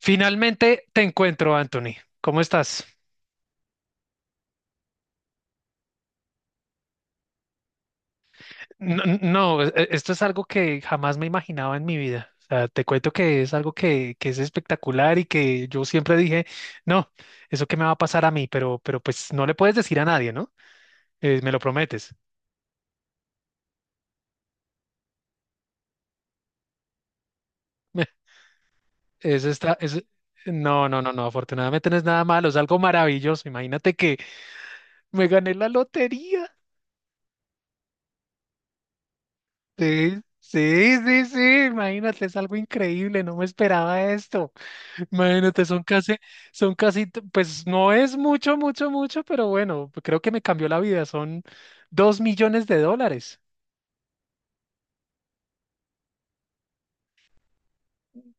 Finalmente te encuentro, Anthony. ¿Cómo estás? No, no, esto es algo que jamás me imaginaba en mi vida. O sea, te cuento que es algo que es espectacular y que yo siempre dije, no, eso que me va a pasar a mí, pero pues no le puedes decir a nadie, ¿no? Me lo prometes. Meh, Eso está, eso- No, no, no, no, afortunadamente no es nada malo, es algo maravilloso. Imagínate que me gané la lotería. Sí, sí, sí, sí, imagínate, es algo increíble, no me esperaba esto. Imagínate, pues no es mucho, mucho, mucho, pero bueno, creo que me cambió la vida. Son $2 millones.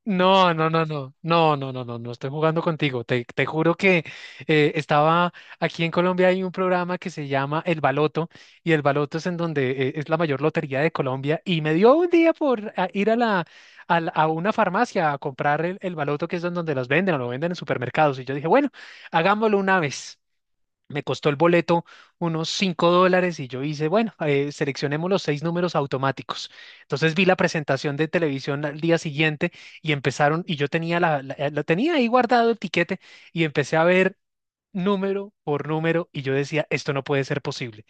No, no, no, no, no, no, no, no, no estoy jugando contigo. Te juro que estaba aquí en Colombia. Hay un programa que se llama El Baloto, y El Baloto es en donde, es la mayor lotería de Colombia, y me dio un día por ir a una farmacia a comprar el Baloto, que es en donde los venden, o lo venden en supermercados, y yo dije, bueno, hagámoslo una vez. Me costó el boleto unos $5, y yo hice, bueno, seleccionemos los seis números automáticos. Entonces vi la presentación de televisión al día siguiente, y empezaron, y yo tenía lo tenía ahí guardado el tiquete, y empecé a ver número por número, y yo decía, esto no puede ser posible.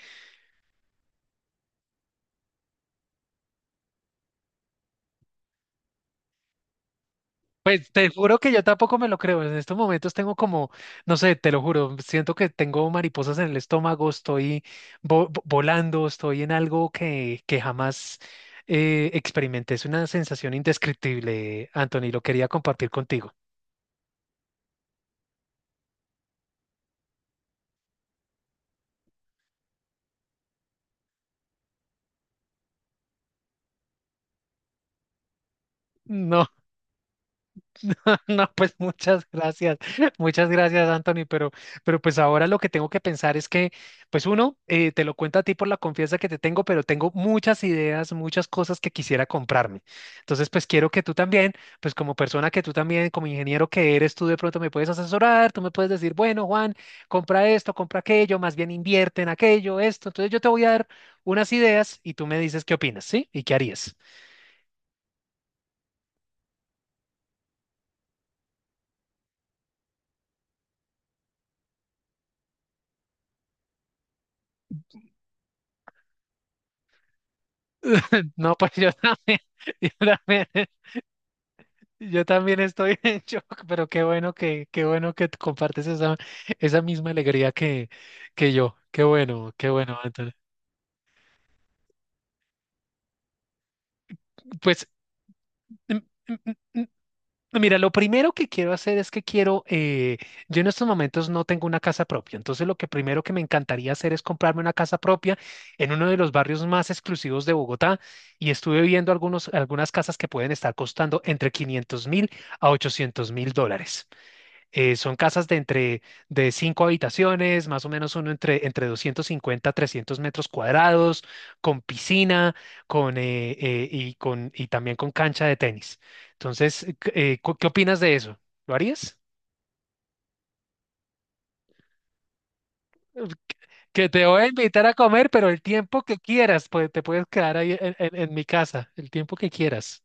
Pues te juro que yo tampoco me lo creo. En estos momentos tengo como, no sé, te lo juro, siento que tengo mariposas en el estómago, estoy volando, estoy en algo que jamás experimenté. Es una sensación indescriptible, Anthony, lo quería compartir contigo. No. No, pues muchas gracias, muchas gracias, Anthony, pero, pues ahora lo que tengo que pensar es que, pues uno, te lo cuento a ti por la confianza que te tengo, pero tengo muchas ideas, muchas cosas que quisiera comprarme. Entonces, pues quiero que tú también, pues como persona, que tú también, como ingeniero que eres, tú de pronto me puedes asesorar, tú me puedes decir, bueno, Juan, compra esto, compra aquello, más bien invierte en aquello, esto. Entonces yo te voy a dar unas ideas y tú me dices qué opinas, ¿sí? ¿Y qué harías? No, pues yo también, yo también. Yo también estoy en shock, pero qué bueno que tú compartes esa misma alegría que yo. Qué bueno, Antonio. Pues, mm, mm, mm, mira, lo primero que quiero hacer es que quiero, yo en estos momentos no tengo una casa propia, entonces lo que primero que me encantaría hacer es comprarme una casa propia en uno de los barrios más exclusivos de Bogotá. Y estuve viendo algunas casas que pueden estar costando entre 500.000 a $800.000. Son casas de entre de cinco habitaciones, más o menos uno entre, 250 a 300 metros cuadrados, con piscina, con, y también con cancha de tenis. Entonces, ¿qué opinas de eso? ¿Lo harías? Que te voy a invitar a comer, pero el tiempo que quieras, pues te puedes quedar ahí en, en mi casa, el tiempo que quieras.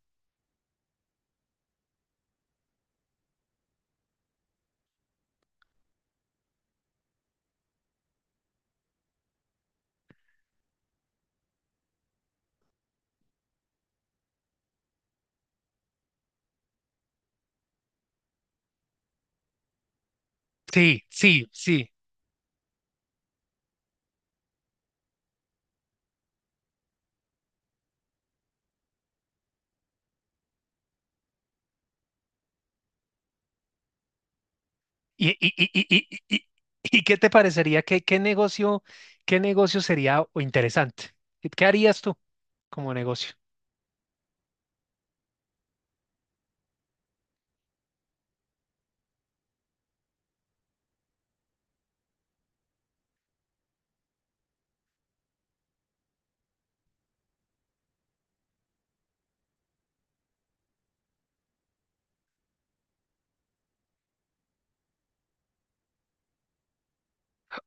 Sí, sí, sí. ¿Y, y, y, y, y, y- y qué te parecería? ¿Qué negocio sería o interesante? ¿Qué harías tú como negocio?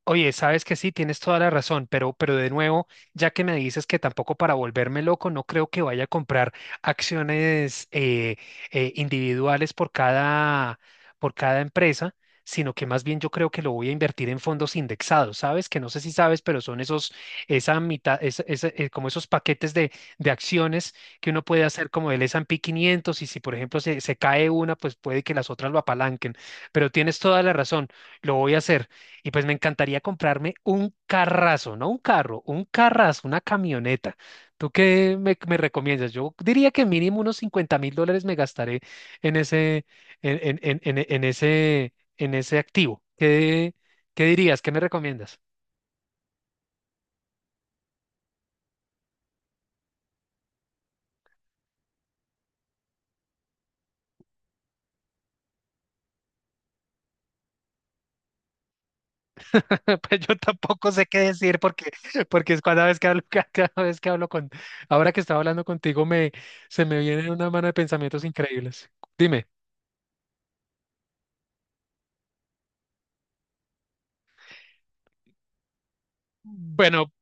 Oye, sabes que sí, tienes toda la razón, pero de nuevo, ya que me dices que tampoco para volverme loco, no creo que vaya a comprar acciones, individuales por cada empresa, sino que más bien yo creo que lo voy a invertir en fondos indexados, ¿sabes? Que no sé si sabes, pero son esos, esa mitad, como esos paquetes de acciones que uno puede hacer como el S&P 500. Y si, por ejemplo, se cae una, pues puede que las otras lo apalanquen, pero tienes toda la razón, lo voy a hacer. Y pues me encantaría comprarme un carrazo, no un carro, un carrazo, una camioneta. ¿Tú qué me recomiendas? Yo diría que mínimo unos $50.000 me gastaré en ese, en ese activo. ¿Qué dirías? ¿Qué me recomiendas? Pues yo tampoco sé qué decir porque es cada vez que hablo, cada vez que hablo con, ahora que estaba hablando contigo, se me vienen una mano de pensamientos increíbles. Dime. Mm. Bueno.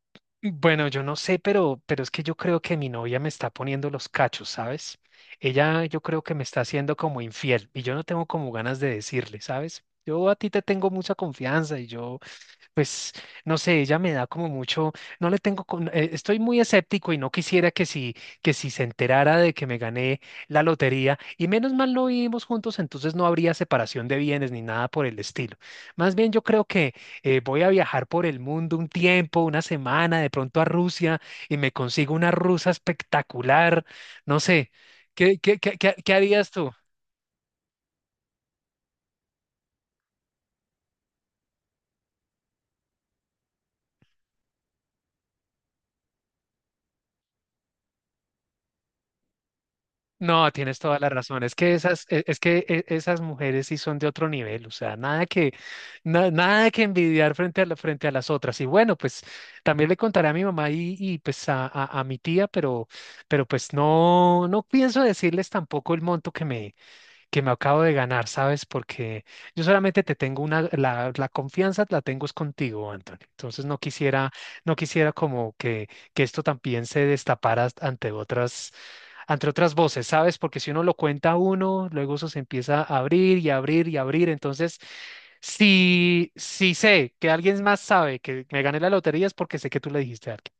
Bueno, yo no sé, pero es que yo creo que mi novia me está poniendo los cachos, ¿sabes? Ella, yo creo que me está haciendo como infiel, y yo no tengo como ganas de decirle, ¿sabes? Yo a ti te tengo mucha confianza y yo, pues no sé, ella me da como mucho, no le tengo, estoy muy escéptico, y no quisiera que si, se enterara de que me gané la lotería. Y menos mal lo vivimos juntos, entonces no habría separación de bienes ni nada por el estilo. Más bien yo creo que voy a viajar por el mundo un tiempo, una semana, de pronto a Rusia, y me consigo una rusa espectacular, no sé, ¿qué harías tú? No, tienes toda la razón. Es que esas, es que esas mujeres sí son de otro nivel. O sea, nada que, nada que envidiar frente frente a las otras. Y bueno, pues también le contaré a mi mamá, pues a mi tía, pero, pues no, no pienso decirles tampoco el monto que me acabo de ganar, ¿sabes? Porque yo solamente te tengo la confianza. La tengo es contigo, Anthony. Entonces no quisiera, no quisiera como que esto también se destapara ante otras voces, ¿sabes? Porque si uno lo cuenta a uno, luego eso se empieza a abrir y abrir y abrir. Entonces, si sé que alguien más sabe que me gané la lotería, es porque sé que tú le dijiste a alguien.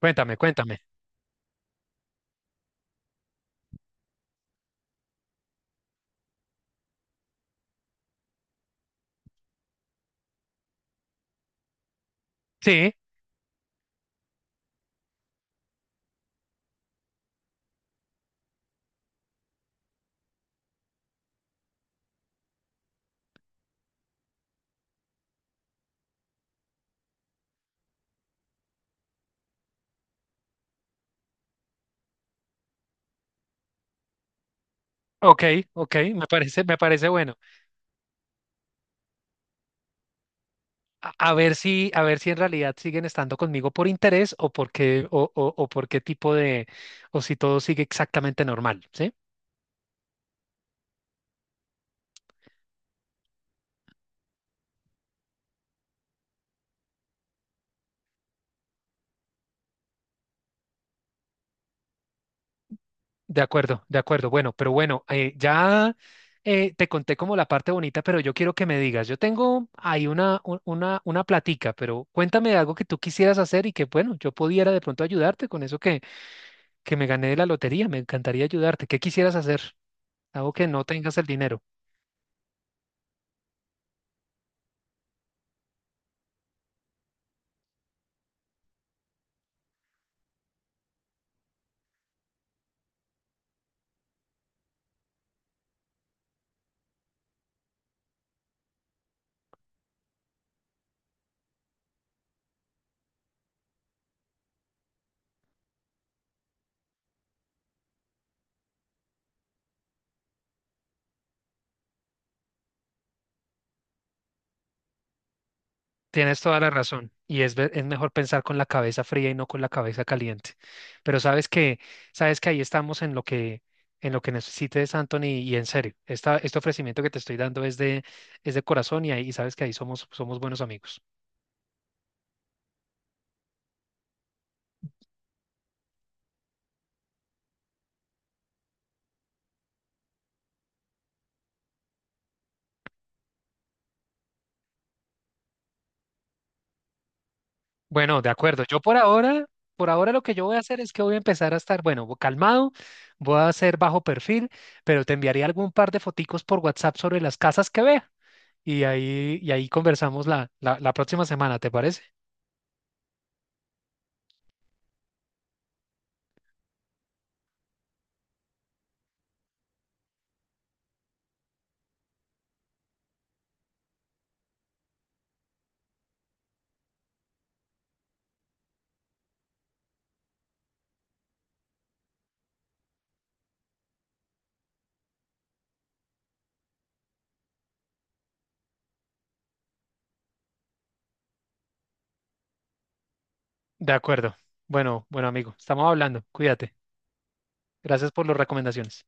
Cuéntame, cuéntame. Sí, ok, ok, me parece bueno. A ver si en realidad siguen estando conmigo por interés, o por qué, o por qué tipo de, o si todo sigue exactamente normal, ¿sí? De acuerdo, de acuerdo. Bueno, pero bueno, ya te conté como la parte bonita, pero yo quiero que me digas, yo tengo ahí una platica, pero cuéntame algo que tú quisieras hacer, y que, bueno, yo pudiera de pronto ayudarte con eso que me gané de la lotería, me encantaría ayudarte. ¿Qué quisieras hacer? Algo que no tengas el dinero. Tienes toda la razón, y es mejor pensar con la cabeza fría y no con la cabeza caliente. Pero sabes que ahí estamos en lo que, necesites, Anthony, y en serio, este ofrecimiento que te estoy dando es de corazón, y, y sabes que ahí somos, buenos amigos. Bueno, de acuerdo. Yo por ahora lo que yo voy a hacer es que voy a empezar a estar, bueno, calmado, voy a hacer bajo perfil, pero te enviaré algún par de foticos por WhatsApp sobre las casas que vea, y ahí conversamos la próxima semana, ¿te parece? De acuerdo. Bueno, bueno, amigo, estamos hablando. Cuídate. Gracias por las recomendaciones.